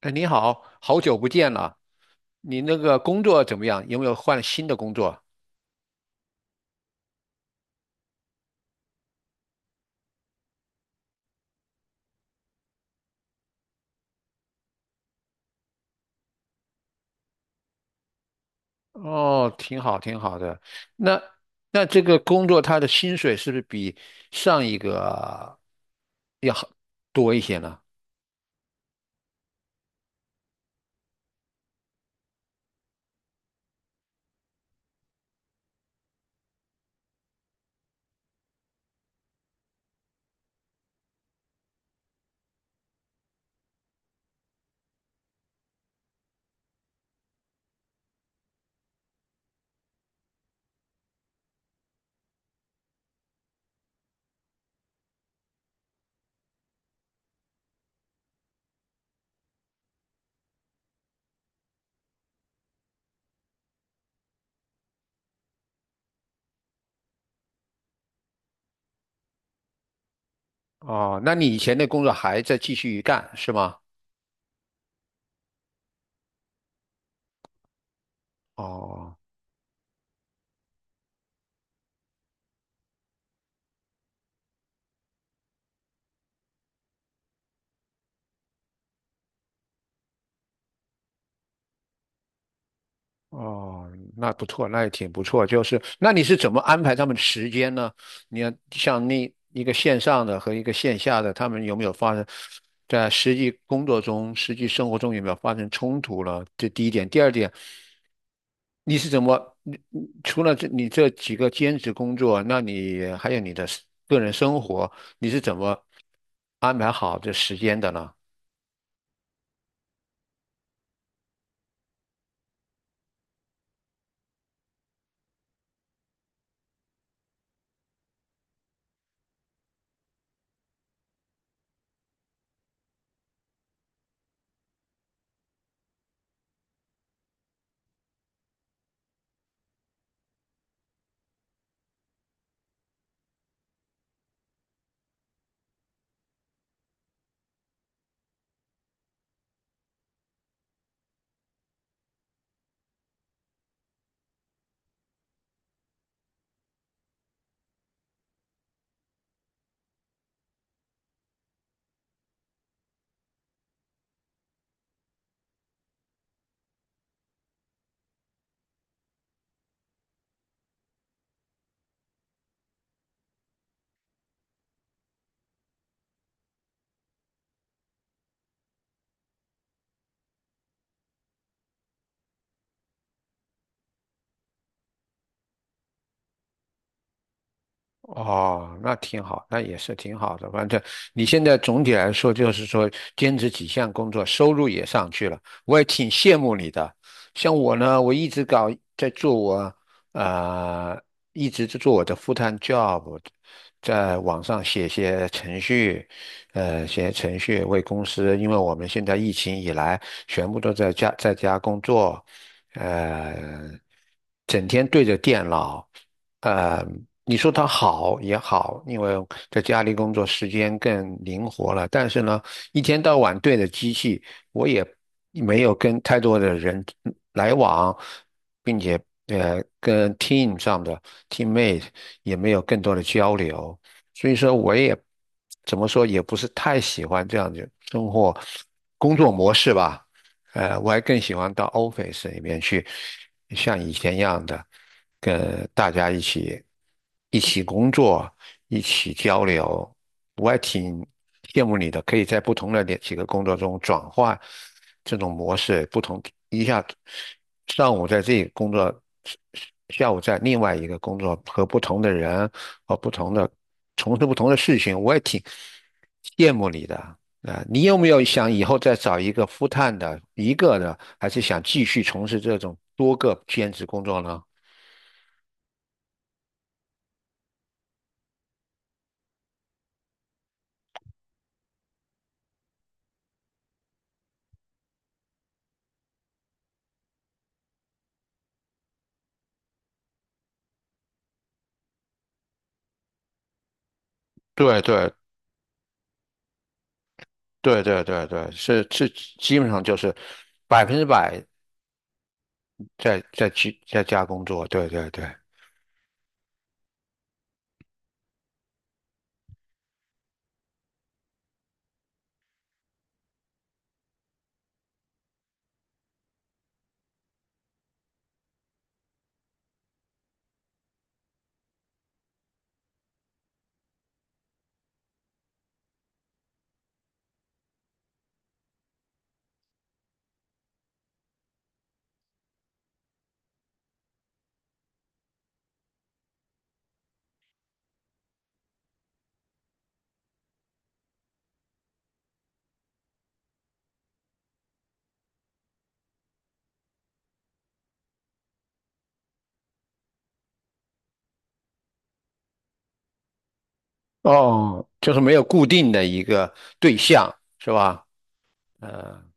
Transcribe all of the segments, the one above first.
哎，你好，好久不见了，你那个工作怎么样？有没有换新的工作？哦，挺好，挺好的。那这个工作他的薪水是不是比上一个要好多一些呢？哦，那你以前的工作还在继续干是吗？哦。哦，那不错，那也挺不错。就是，那你是怎么安排他们时间呢？你要像那一个线上的和一个线下的，他们有没有发生在实际工作中、实际生活中有没有发生冲突了？这第一点。第二点，你是怎么，你除了这你这几个兼职工作，那你还有你的个人生活，你是怎么安排好这时间的呢？哦，那挺好，那也是挺好的。反正你现在总体来说，就是说兼职几项工作，收入也上去了，我也挺羡慕你的。像我呢，我一直搞在做我呃，一直在做我的 full-time job，在网上写些程序，写程序为公司，因为我们现在疫情以来，全部都在家工作，呃，整天对着电脑。呃，你说它好也好，因为在家里工作时间更灵活了。但是呢，一天到晚对着机器，我也没有跟太多的人来往，并且跟 team 上的 teammate 也没有更多的交流。所以说，我也怎么说，也不是太喜欢这样的生活工作模式吧。我还更喜欢到 office 里面去，像以前一样的，跟大家一起工作，一起交流。我还挺羡慕你的，可以在不同的两几个工作中转换这种模式，不同一下上午在这个工作，下午在另外一个工作，和不同的人和不同的从事不同的事情，我也挺羡慕你的。啊，你有没有想以后再找一个 f 探的一个呢，还是想继续从事这种多个兼职工作呢？对对对对对对，是是，基本上就是百分之百在家工作，对对对，哦，就是没有固定的一个对象，是吧？嗯。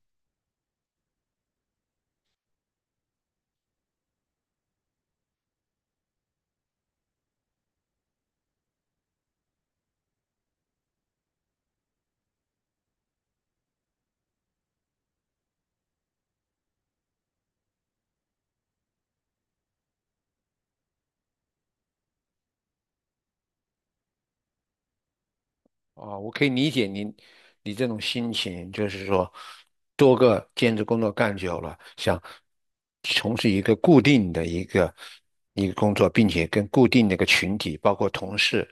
哦，我可以理解您，你这种心情，就是说，多个兼职工作干久了，想从事一个固定的一个工作，并且跟固定的一个群体，包括同事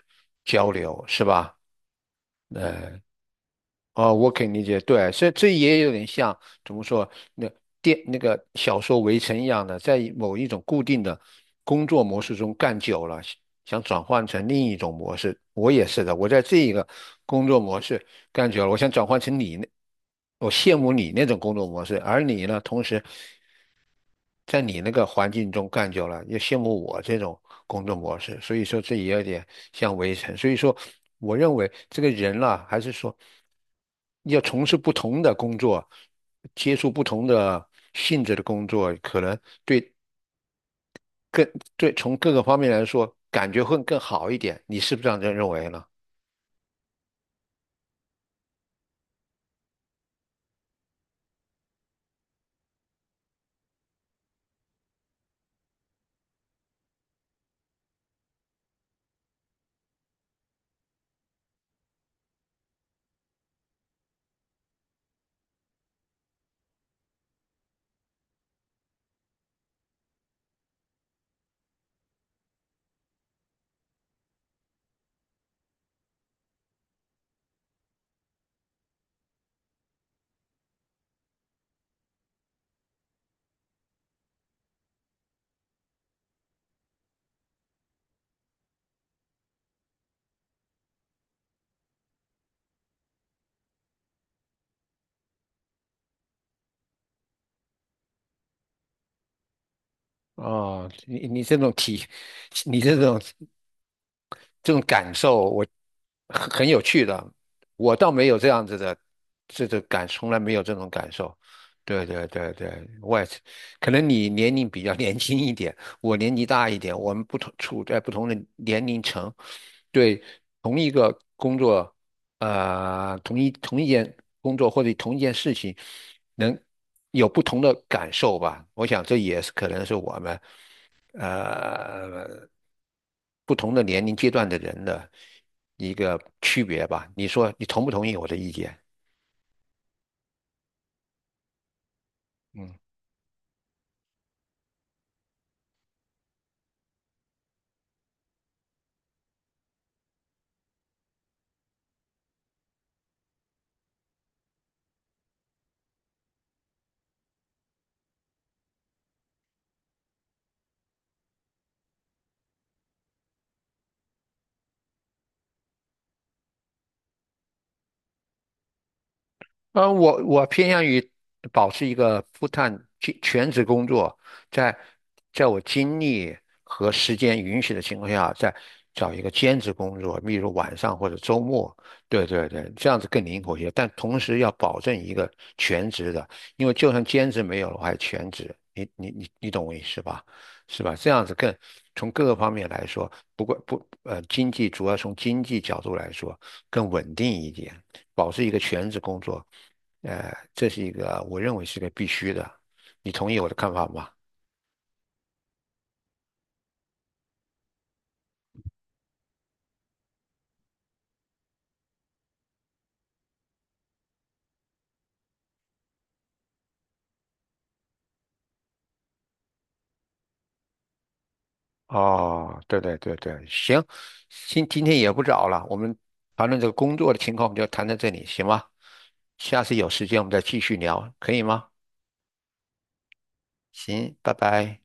交流，是吧？呃，哦，我可以理解，对，所以这也有点像怎么说，那那个小说《围城》一样的，在某一种固定的工作模式中干久了，想转换成另一种模式。我也是的，我在这一个工作模式干久了，我想转换成你那，我羡慕你那种工作模式，而你呢，同时在你那个环境中干久了，也羡慕我这种工作模式。所以说，这也有点像围城。所以说，我认为这个人啦，还是说要从事不同的工作，接触不同的性质的工作，可能对更对从各个方面来说，感觉会更好一点。你是不是这样认为呢？哦，你这种感受，我很有趣的。我倒没有这样子的，这种感，从来没有这种感受。对对对对，我也是，可能你年龄比较 年轻一点，我年纪大一点，我们不同处在不同的年龄层，对同一个工作，呃，同一件工作或者同一件事情，能有不同的感受吧。我想这也是可能是我们。呃不同的年龄阶段的人的一个区别吧。你说你同不同意我的意见？嗯。我偏向于保持一个 全职工作，在在我精力和时间允许的情况下，再找一个兼职工作，例如晚上或者周末。对对对，这样子更灵活一些，但同时要保证一个全职的，因为就算兼职没有了，我还全职。你懂我意思吧？是吧？这样子更从各个方面来说，不过不呃，经济主要从经济角度来说更稳定一点。保持一个全职工作，这是一个我认为是个必须的。你同意我的看法吗？哦，对对对对，行，今天也不早了，我们谈论这个工作的情况，我们就谈到这里，行吗？下次有时间我们再继续聊，可以吗？行，拜拜。